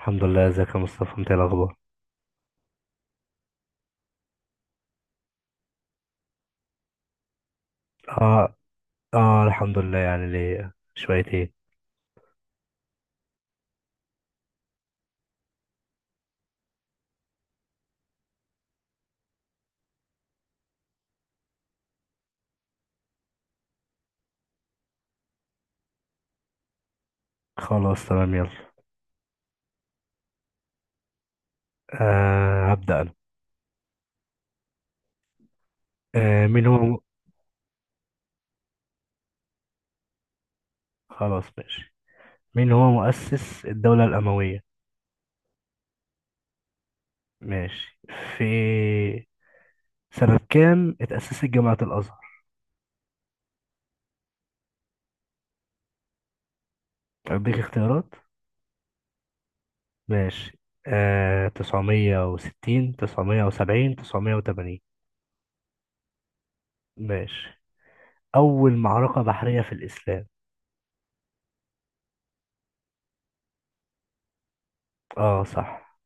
الحمد لله، ازيك يا مصطفى؟ انت ايه الاخبار؟ اه، اه، الحمد لله، يعني ليه شوية ايه. خلاص، تمام، يلا. آه، هبدأ انا. آه مين هو م... خلاص ماشي. مين هو مؤسس الدولة الأموية؟ ماشي. في سنة كام اتأسست جامعة الأزهر؟ أديك اختيارات. ماشي. 960، 970، 980. ماشي. أول معركة بحرية في الإسلام؟ اه، صح.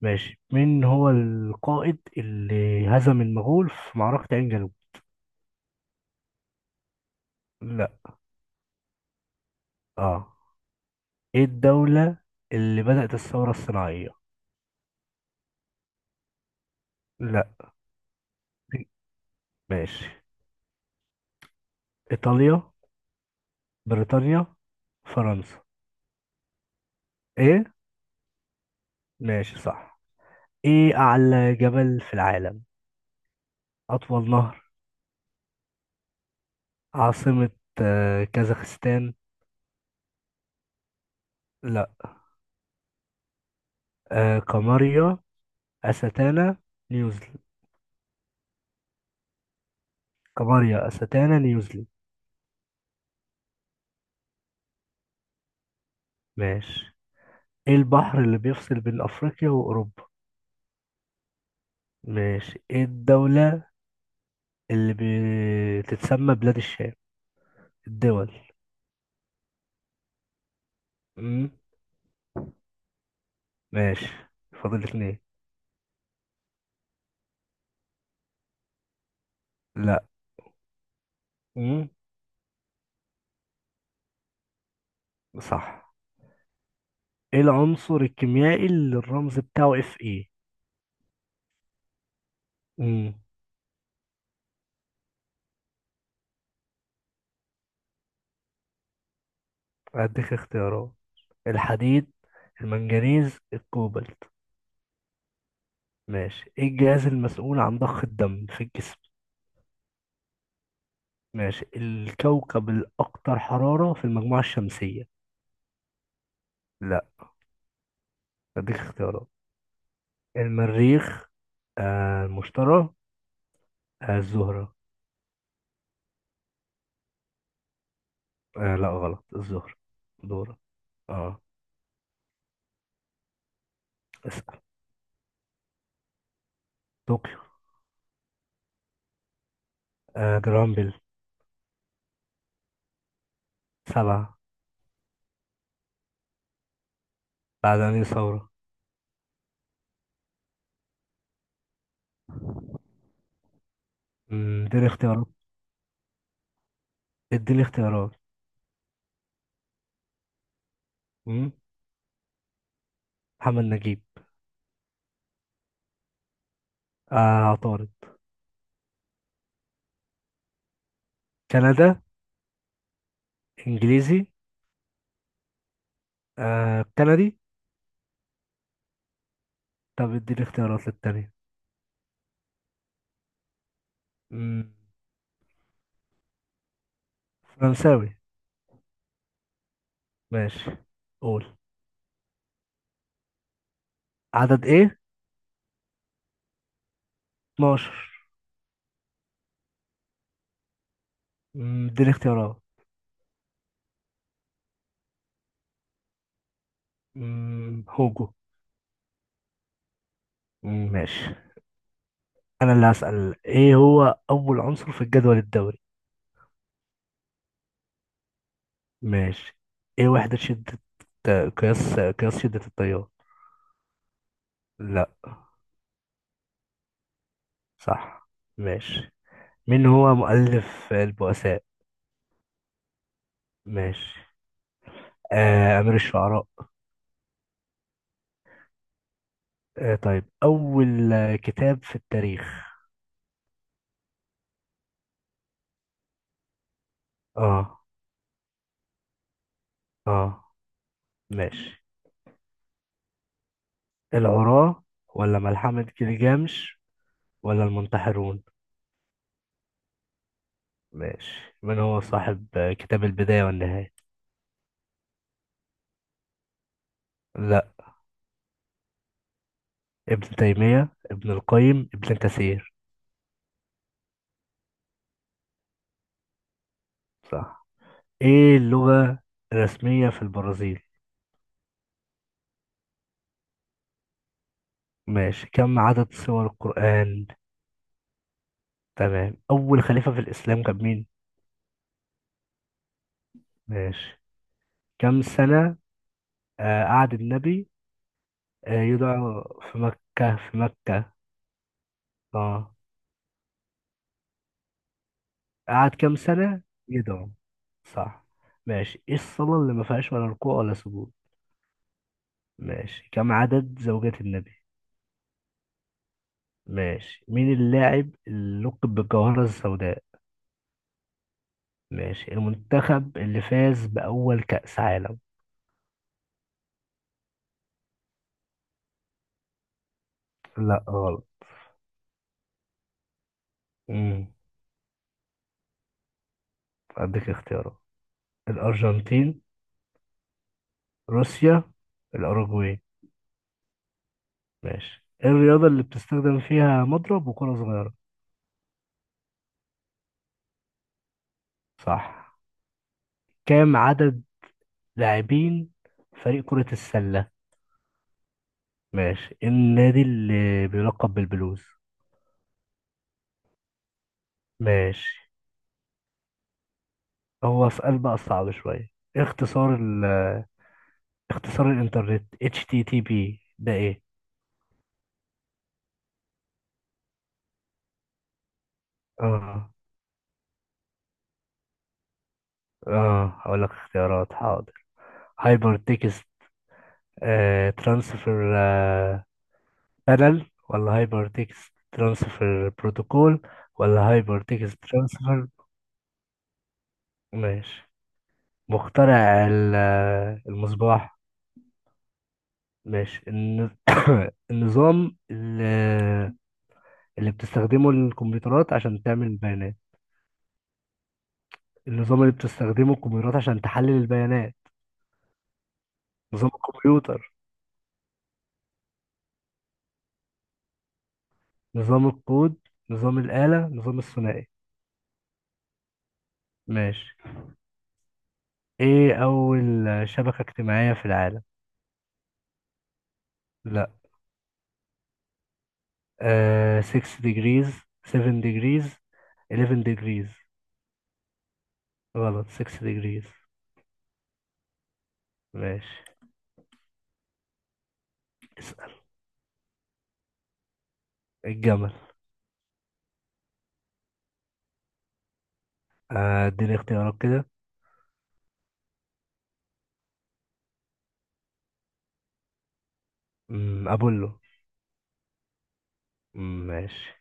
ماشي. مين هو القائد اللي هزم المغول في معركة عين جالوت؟ لا. اه. ايه الدولة اللي بدأت الثورة الصناعية؟ لا. ماشي. ايطاليا، بريطانيا، فرنسا. ايه؟ ماشي، صح. ايه اعلى جبل في العالم؟ اطول نهر؟ عاصمة. كازاخستان. لا. قمرية، أستانا، نيوزيلاند. قمرية، أستانا، نيوزيلاند. ماشي. ايه البحر اللي بيفصل بين افريقيا واوروبا؟ ماشي. ايه الدولة اللي بتتسمى بلاد الشام؟ الدول. امم. ماشي. فاضل اتنين. لا. امم. صح. ايه العنصر الكيميائي اللي الرمز بتاعه اف اي؟ امم. هديك اختيارات. الحديد، المنجنيز، الكوبالت. ماشي. ايه الجهاز المسؤول عن ضخ الدم في الجسم؟ ماشي. الكوكب الاكثر حرارة في المجموعة الشمسية؟ لا. هديك اختيارات. المريخ، المشتري، الزهرة. لا، غلط الظهر. دورة. اه. اسأل. طوكيو. جرامبل. سبعة. بعد أنهي ثورة؟ اديني اختيارات. اديني اختيارات. مم، محمد نجيب. عطارد. كندا. انجليزي. كندي. طب اديني اختيارات للتانية. مم، فرنساوي. ماشي. قول. عدد ايه؟ 12. اديني اختيارات. هوجو. ماشي. انا اللي هسأل. ايه هو اول عنصر في الجدول الدوري؟ ماشي. ايه وحدة شدة آه، قياس شدة التيار؟ لا. صح. ماشي. مين هو مؤلف البؤساء؟ ماشي. أمير الشعراء؟ آه طيب، أول كتاب في التاريخ. اه. اه. ماشي. العراة، ولا ملحمة جلجامش، ولا المنتحرون؟ ماشي. من هو صاحب كتاب البداية والنهاية؟ لا. ابن تيمية، ابن القيم، ابن كثير. صح. ايه اللغة الرسمية في البرازيل؟ ماشي. كم عدد سور القرآن؟ تمام. أول خليفة في الإسلام كان مين؟ ماشي. كم سنة قعد النبي يدعو في مكة؟ في مكة. اه. قعد كم سنة يدعو؟ صح. ماشي. ايه الصلاة اللي ما فيهاش ولا ركوع ولا سجود؟ ماشي. كم عدد زوجات النبي؟ ماشي. مين اللاعب اللي لقب بالجوهرة السوداء؟ ماشي. المنتخب اللي فاز بأول كأس عالم؟ لا، غلط. مم. أديك اختيارات. الأرجنتين، روسيا، الأوروغواي. ماشي. إيه الرياضة اللي بتستخدم فيها مضرب وكرة صغيرة؟ صح. كام عدد لاعبين فريق كرة السلة؟ ماشي. إيه النادي اللي بيلقب بالبلوز؟ ماشي. هو سؤال بقى صعب شوية. إيه اختصار الإنترنت HTTP ده إيه؟ آه. آه، هقول لك اختيارات، حاضر. هايبر تكست ترانسفير بارل، ولا هايبر تكست ترانسفير بروتوكول، ولا هايبر تكست ترانسفير؟ ماشي. مخترع المصباح. ماشي. النظام اللي بتستخدمه الكمبيوترات عشان تعمل بيانات. النظام اللي بتستخدمه الكمبيوترات عشان تحلل البيانات. نظام الكمبيوتر، نظام الكود، نظام الآلة، نظام الثنائي. ماشي. ايه أول شبكة اجتماعية في العالم؟ لا. آه، 6 degrees، 7 degrees، 11 degrees. غلط. 6 degrees. ماشي. اسأل. الجمل. اديني اختيارات كده. أبولو. ماشي.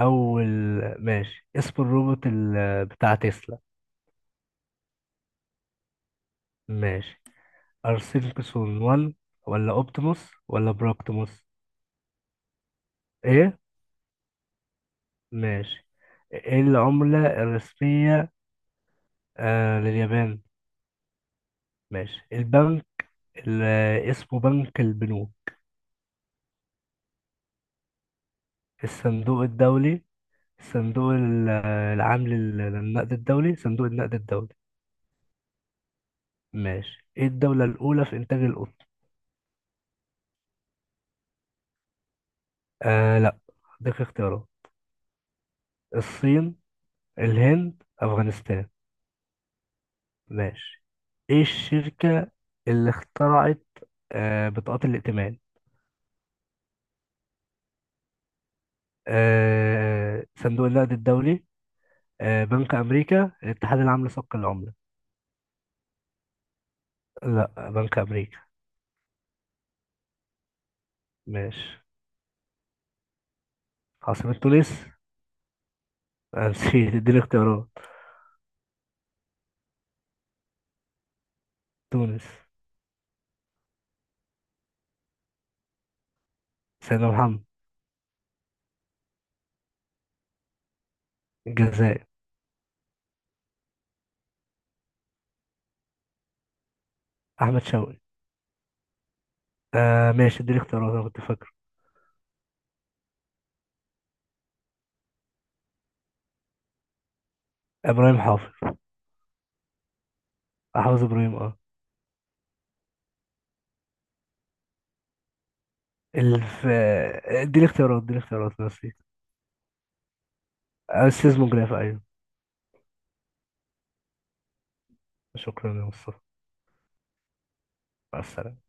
أول. ماشي. اسم الروبوت بتاع تسلا. ماشي. أرسنكسون 1، ولا أوبتيموس، ولا براكتيموس. إيه؟ ماشي. إيه العملة الرسمية لليابان؟ ماشي. البنك اللي اسمه بنك البنوك. الصندوق الدولي، صندوق ال- العام لل- للنقد الدولي صندوق النقد الدولي. ماشي. ايه الدولة الأولى في إنتاج القطن؟ لا. اديك اختيارات. الصين، الهند، أفغانستان. ماشي. ايه الشركة اللي اخترعت بطاقات الائتمان؟ صندوق النقد الدولي، بنك أمريكا، الاتحاد العام لسوق العملة. لا، بنك أمريكا. ماشي. عاصمة تونس نسيت، اديني اختيارات. تونس. سيدنا محمد. الجزائر. أحمد شوقي. ماشي، اديني اختيارات، انا كنت فاكر. ابراهيم حافظ. حافظ ابراهيم، اه. الف اديني اختيارات، اديني اختيارات، نسيت. السيزموجراف، ايوه. شكرا يا مصطفى. مع السلامة.